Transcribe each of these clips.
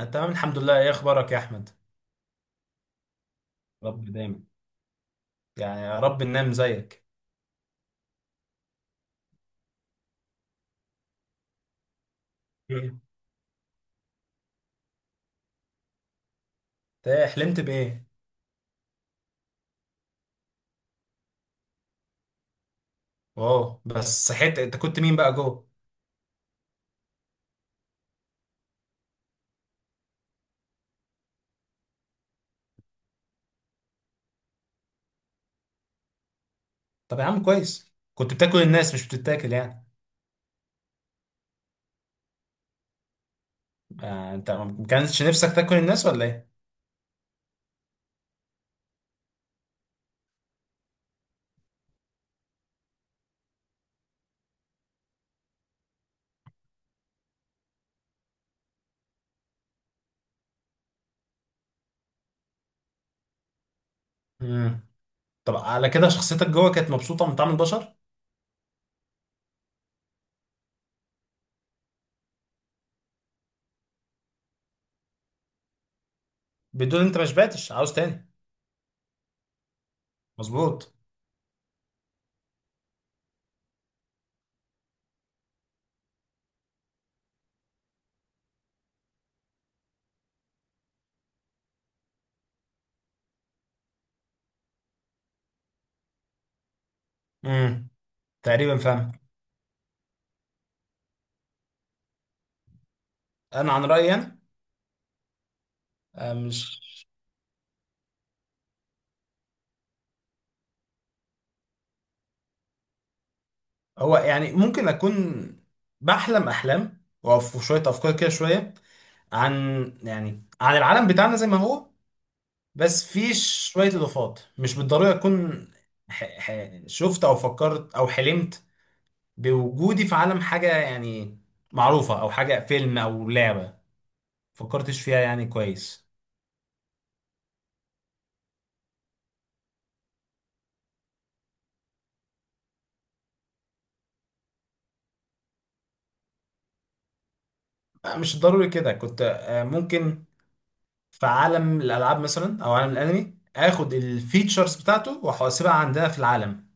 أنا تمام الحمد لله. إيه أخبارك يا أحمد؟ رب دايما، يعني يا رب ننام زيك. مم. إيه؟ إيه حلمت بإيه؟ واو، بس صحيت أنت كنت مين بقى جوه؟ طب يا عم، كويس كنت بتاكل الناس مش بتتاكل يعني. آه، أنت ما كانش نفسك تاكل الناس ولا إيه؟ مم. طب على كده شخصيتك جوه كانت مبسوطة من طعم البشر؟ بتقول أنت ما شبعتش، عاوز تاني. مظبوط. مم. تقريبا فاهم. أنا عن رأيي أنا، آه مش، هو يعني ممكن أكون بحلم أحلام وفي شوية أفكار كده، شوية عن يعني عن العالم بتاعنا زي ما هو، بس في شوية إضافات مش بالضرورة تكون. ح... ح... شفت أو فكرت أو حلمت بوجودي في عالم، حاجة يعني معروفة أو حاجة فيلم أو لعبة، فكرتش فيها يعني كويس. مش ضروري كده، كنت ممكن في عالم الألعاب مثلا أو عالم الأنمي آخد الفيتشرز بتاعته وأحاسبها عندنا في العالم،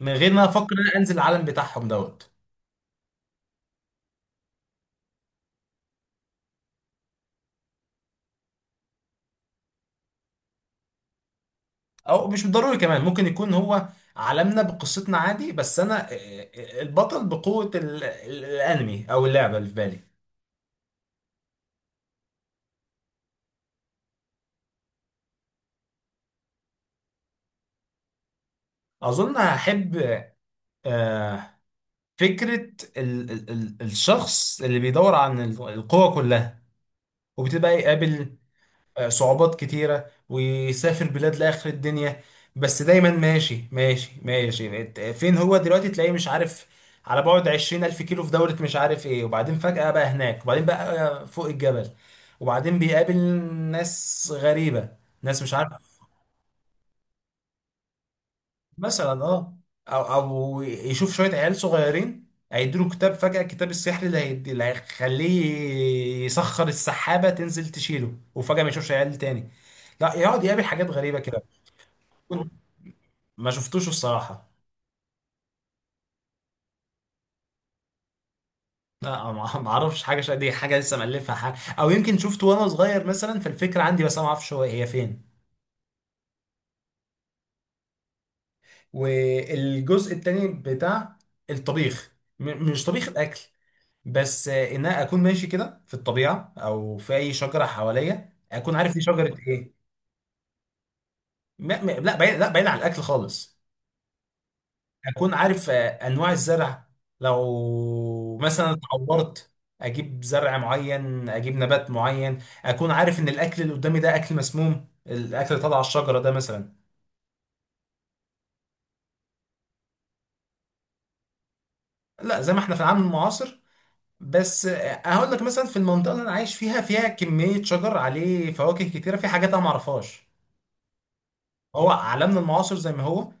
من غير ما أفكر إن أنا أنزل العالم بتاعهم دوت. او مش ضروري كمان، ممكن يكون هو عالمنا بقصتنا عادي، بس انا البطل بقوة الانمي او اللعبة اللي في بالي. اظن هحب آه، فكرة ال ال ال الشخص اللي بيدور عن القوة كلها، وبتبقى يقابل صعوبات كتيرة ويسافر بلاد لآخر الدنيا، بس دايما ماشي ماشي ماشي، فين هو دلوقتي تلاقيه مش عارف، على بعد 20 ألف كيلو في دولة مش عارف ايه، وبعدين فجأة بقى هناك، وبعدين بقى فوق الجبل، وبعدين بيقابل ناس غريبة، ناس مش عارف مثلا اه. أو أو يشوف شوية عيال صغيرين هيديله كتاب فجأة، كتاب السحر اللي هيدي اللي هيخليه يسخر السحابة تنزل تشيله، وفجأة ما يشوفش عيال تاني، لا يقعد يقابل حاجات غريبة كده. كنت ما شفتوش الصراحة. لا ما ما اعرفش حاجة دي حاجة لسه مألفها، حاجة او يمكن شفته وانا صغير مثلا، فالفكرة عندي، بس انا ما اعرفش هو هي فين. والجزء التاني بتاع الطبيخ، مش طبيخ الاكل، بس ان انا اكون ماشي كده في الطبيعة او في اي شجرة حواليا اكون عارف دي شجرة ايه. لا بعيد، لا بعيد عن الاكل خالص. اكون عارف انواع الزرع، لو مثلا اتعورت اجيب زرع معين، اجيب نبات معين، اكون عارف ان الاكل اللي قدامي ده اكل مسموم، الاكل اللي طالع على الشجره ده مثلا. لا زي ما احنا في العالم المعاصر، بس هقول لك مثلا في المنطقه اللي انا عايش فيها، فيها كميه شجر عليه فواكه كتيره، في حاجات انا ما اعرفهاش. هو عالمنا المعاصر زي ما هو،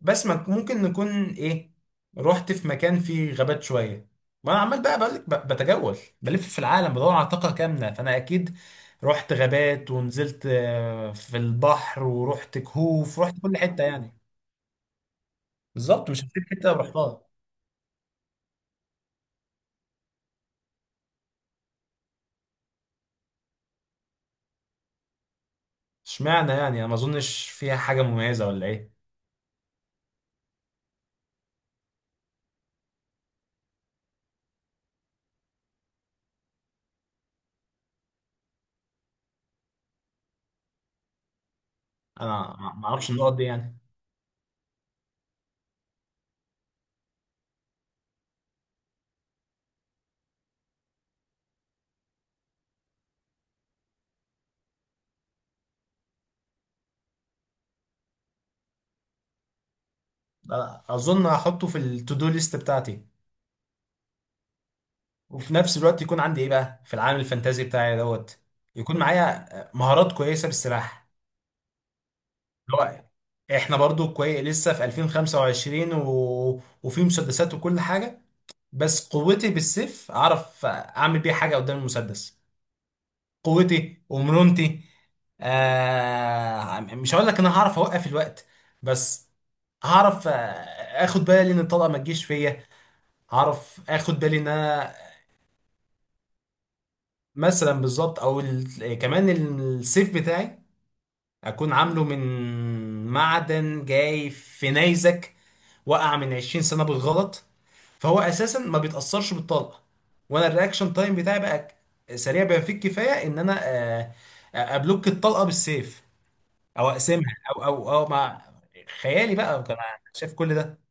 بس ما ممكن نكون ايه، رحت في مكان فيه غابات شويه، وانا عمال بقى بقول لك بتجول بلف في العالم بدور على طاقه كامله، فانا اكيد رحت غابات ونزلت في البحر ورحت كهوف، رحت كل حته يعني. بالظبط، مش هسيب حته رحتها. اشمعنى يعني، انا ما اظنش فيها حاجه مميزه ولا ايه. انا ما ما اعرفش النقط دي يعني. أ- اظن هحطه في التو دو ليست بتاعتي. وفي نفس الوقت يكون عندي ايه بقى في العالم الفانتازي بتاعي دوت. يكون معايا مهارات كويسه بالسلاح، اللي هو احنا برضو كويس لسه في 2025 وفي مسدسات وكل حاجه، بس قوتي بالسيف اعرف اعمل بيها حاجه قدام المسدس. قوتي ومرونتي. مش هقول لك ان انا هعرف اوقف الوقت، بس هعرف، اخد بالي ان الطلقه ما تجيش فيا، هعرف اخد بالي ان انا مثلا بالظبط، او كمان السيف بتاعي اكون عامله من معدن جاي في نيزك وقع من 20 سنة بالغلط، فهو اساسا ما بيتأثرش بالطلقة، وانا الرياكشن تايم بتاعي بقى سريع بما فيه الكفاية ان انا ابلوك الطلقة بالسيف، او اقسمها، او مع خيالي بقى كان شايف كل ده.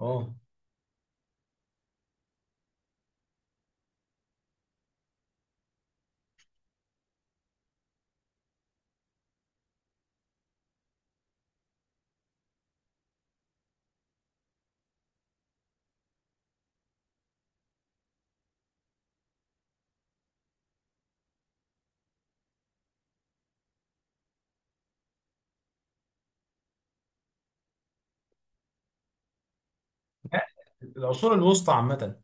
اه، لا، العصور الوسطى عامة.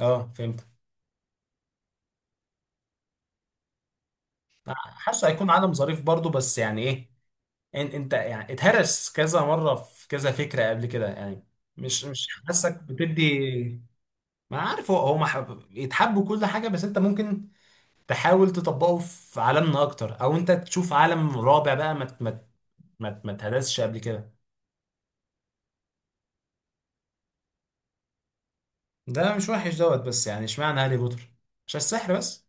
اه فهمت. حاسه هيكون عالم ظريف برضو، بس يعني ايه، انت يعني اتهرس كذا مره في كذا فكره قبل كده يعني. مش حاسك بتدي، ما عارف، هو هو يتحب كل حاجه، بس انت ممكن تحاول تطبقه في عالمنا اكتر، او انت تشوف عالم رابع بقى ما اتهرسش قبل كده. ده مش وحش دوت، بس يعني اشمعنى هاري بوتر، عشان السحر بس.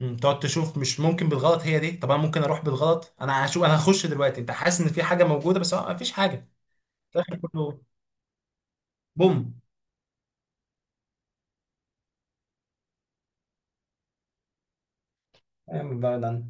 مم، تقعد تشوف، مش ممكن بالغلط هي دي، طب انا ممكن اروح بالغلط، انا هشوف، انا هخش دلوقتي، انت حاسس ان في حاجه موجوده بس هو مفيش حاجه. في الاخر كله، بوم. فاهم بقى ده.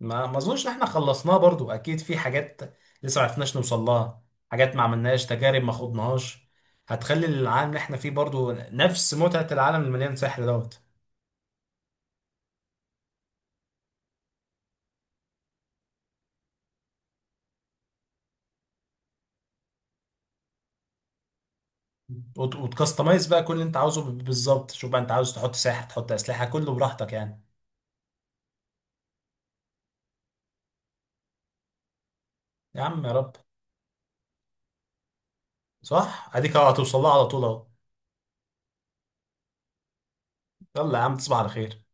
ما ما اظنش ان احنا خلصناه برضو، اكيد في حاجات لسه ما عرفناش نوصل لها، حاجات ما عملناش تجارب، ما خضناهاش، هتخلي العالم اللي احنا فيه برضو نفس متعة العالم المليان سحر دوت. وتكستمايز بقى كل اللي انت عاوزه، بالظبط، شوف بقى انت عاوز تحط ساحر، تحط اسلحة، كله براحتك يعني. يا عم يا رب. صح، اديك اهو هتوصل لها على طول اهو. يلا يا عم، تصبح على خير.